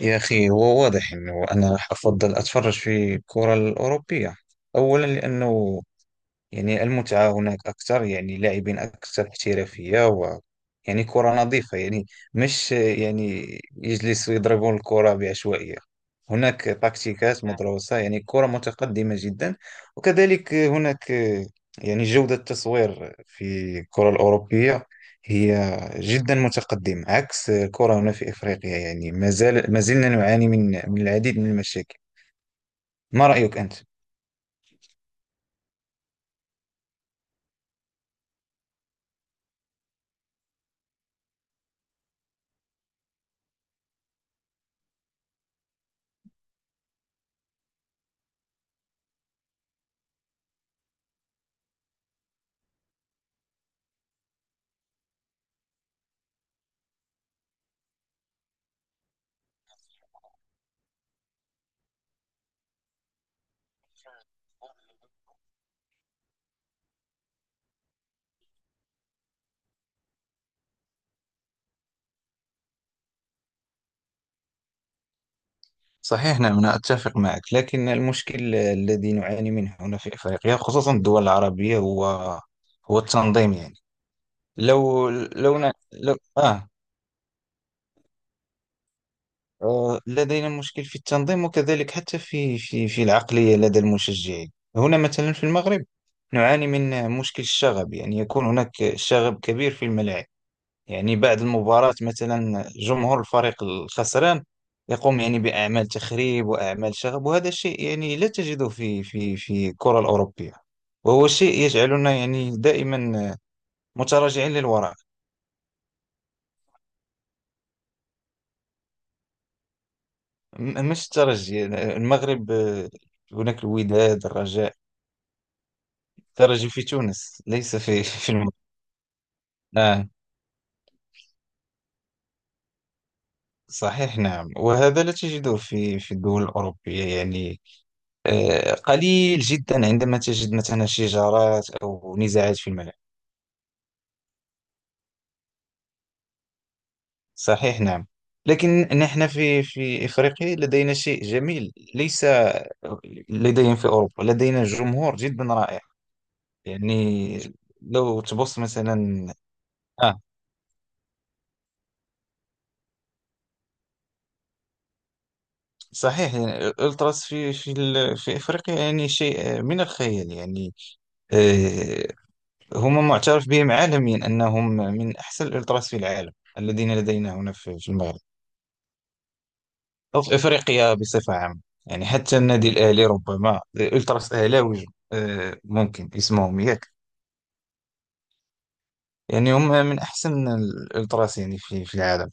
يا أخي هو واضح أنه أنا أفضل أتفرج في الكرة الأوروبية. أولا لأنه يعني المتعة هناك أكثر، يعني لاعبين أكثر احترافية و يعني كرة نظيفة، يعني مش يعني يجلسوا يضربون الكرة بعشوائية. هناك تكتيكات مدروسة، يعني كرة متقدمة جدا. وكذلك هناك يعني جودة التصوير في الكرة الأوروبية هي جدا متقدمة، عكس الكرة هنا في إفريقيا. يعني ما زال ما زلنا نعاني من العديد من المشاكل. ما رأيك أنت؟ صحيح، نعم أنا أتفق معك، لكن المشكل الذي نعاني منه هنا في أفريقيا خصوصا الدول العربية هو هو التنظيم. يعني لو آه، لدينا مشكل في التنظيم، وكذلك حتى في العقلية لدى المشجعين. هنا مثلا في المغرب نعاني من مشكل الشغب، يعني يكون هناك شغب كبير في الملاعب. يعني بعد المباراة مثلا جمهور الفريق الخسران يقوم يعني بأعمال تخريب وأعمال شغب، وهذا شيء يعني لا تجده في في الكرة الأوروبية، وهو شيء يجعلنا يعني دائما متراجعين للوراء. مش الترجي، المغرب هناك الوداد، الرجاء. الترجي في تونس ليس في في المغرب. آه. صحيح، نعم، وهذا لا تجده في في الدول الأوروبية. يعني قليل جدا عندما تجد مثلا شجارات أو نزاعات في الملعب. صحيح، نعم، لكن نحن في في إفريقيا لدينا شيء جميل ليس لدينا في أوروبا. لدينا جمهور جدا رائع، يعني لو تبص مثلا. آه، صحيح، يعني الألتراس في في في إفريقيا يعني شيء من الخيال. يعني آه، هم معترف بهم عالميا أنهم من أحسن الألتراس في العالم، الذين لدينا هنا في في المغرب أو في أفريقيا بصفة عامة. يعني حتى النادي الأهلي ربما الألتراس أهلاوي، ممكن اسمهم، ياك؟ يعني هم من أحسن الألتراس يعني في في العالم.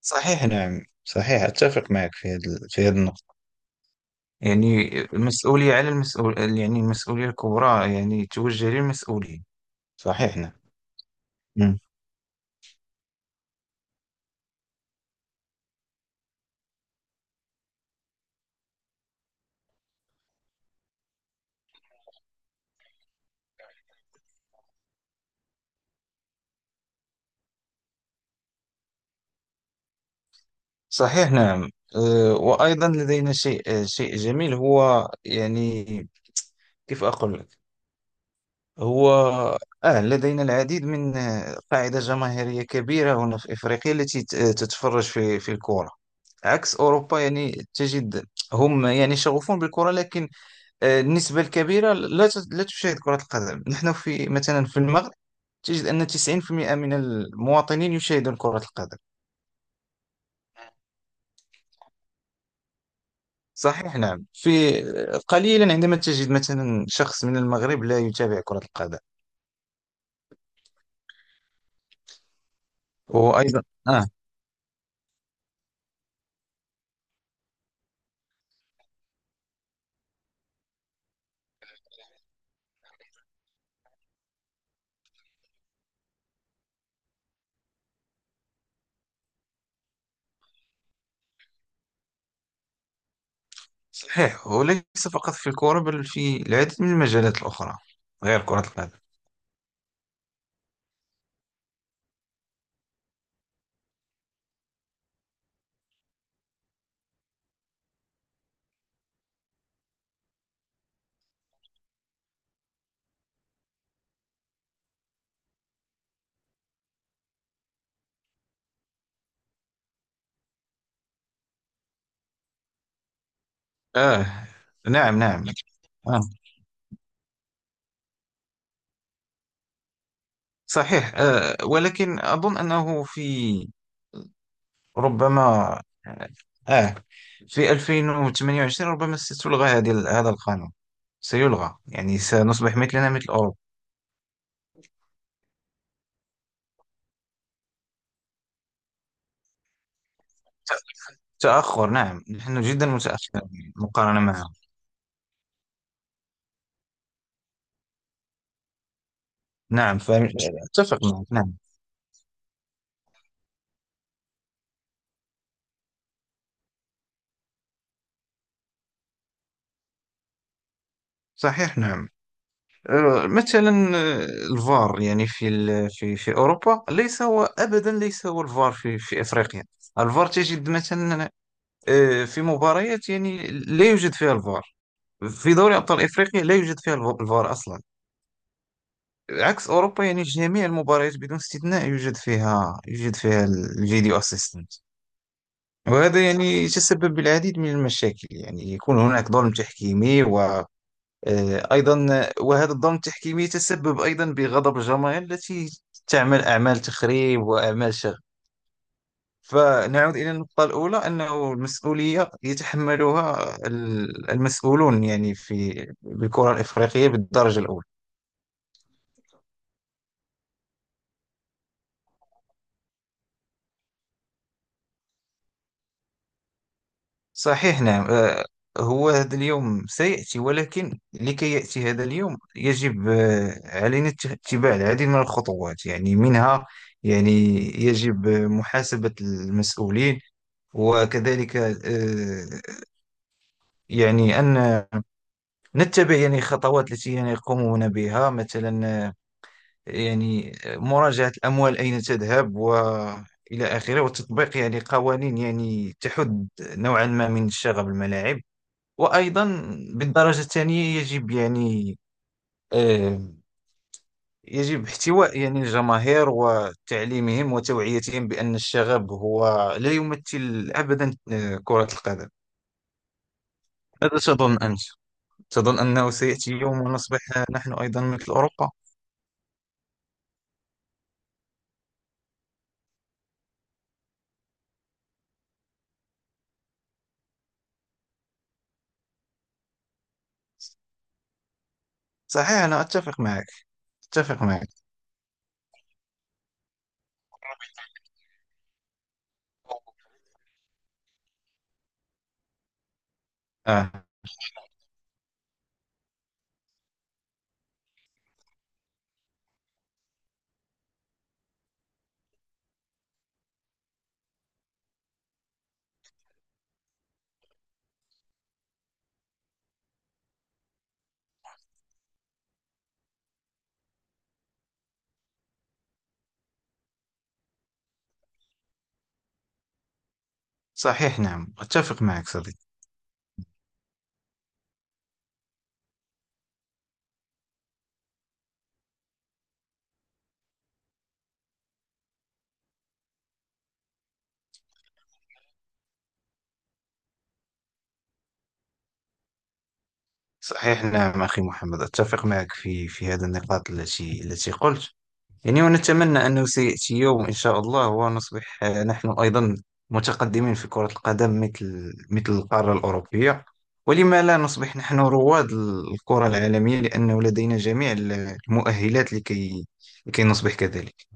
صحيح، نعم، صحيح، أتفق معك في هذا، في هذه النقطة. يعني المسؤولية على المسؤول، يعني المسؤولية الكبرى يعني توجه للمسؤولين. صحيح، نعم. مم. صحيح، نعم، وأيضا لدينا شيء شيء جميل هو يعني كيف أقول لك. هو لدينا العديد من قاعدة جماهيرية كبيرة هنا في إفريقيا التي تتفرج في في الكرة، عكس أوروبا. يعني تجد هم يعني شغوفون بالكرة، لكن النسبة الكبيرة لا تشاهد كرة القدم. نحن في مثلا في المغرب تجد أن 90% من المواطنين يشاهدون كرة القدم. صحيح، نعم، في قليلا عندما تجد مثلا شخص من المغرب لا يتابع كرة القدم. وأيضا آه. صحيح، وليس فقط في الكرة بل في العديد من المجالات الأخرى غير كرة القدم. آه. نعم، نعم. آه، صحيح، آه ولكن أظن أنه في ربما آه آه، في 2028 ربما ستلغى هذا القانون، سيلغى يعني سنصبح مثلنا مثل أوروبا. تأخر، نعم، نحن جدا متأخرين مقارنة معهم. نعم، فأتفق معك، نعم. صحيح، نعم، مثلا الفار يعني في في في اوروبا ليس هو، ابدا ليس هو الفار في في افريقيا. الفار تجد مثلا في مباريات يعني لا يوجد فيها الفار. في دوري ابطال افريقيا لا يوجد فيها الفار اصلا، عكس اوروبا. يعني جميع المباريات بدون استثناء يوجد فيها، يوجد فيها الفيديو اسيستنت. وهذا يعني يتسبب بالعديد من المشاكل، يعني يكون هناك ظلم تحكيمي و أيضا، وهذا الظلم التحكيمي يتسبب أيضا بغضب الجماهير التي تعمل أعمال تخريب وأعمال شغب. فنعود إلى النقطة الأولى، أنه المسؤولية يتحملها المسؤولون يعني في بالكرة الإفريقية بالدرجة الأولى. صحيح، نعم، هو هذا اليوم سيأتي، ولكن لكي يأتي هذا اليوم يجب علينا اتباع العديد من الخطوات. يعني منها يعني يجب محاسبة المسؤولين، وكذلك يعني أن نتبع يعني خطوات التي يعني يقومون بها مثلا، مراجعة الأموال أين تذهب وإلى آخره، وتطبيق يعني قوانين يعني تحد نوعا ما من شغب الملاعب. وأيضا بالدرجة الثانية يجب يعني آه، يجب احتواء يعني الجماهير وتعليمهم وتوعيتهم بأن الشغب هو لا يمثل أبدا كرة القدم. ماذا تظن أنت؟ تظن أنه سيأتي يوم ونصبح نحن أيضا مثل أوروبا؟ صحيح، أنا أتفق معك، أتفق معك. آه. صحيح، نعم، أتفق معك صديقي. صحيح، نعم أخي محمد، أتفق معك في في هذه النقاط التي قلت. يعني ونتمنى أنه سيأتي يوم إن شاء الله ونصبح نحن أيضا متقدمين في كرة القدم مثل مثل القارة الأوروبية. ولما لا نصبح نحن رواد الكرة العالمية، لأنه لدينا جميع المؤهلات لكي نصبح كذلك.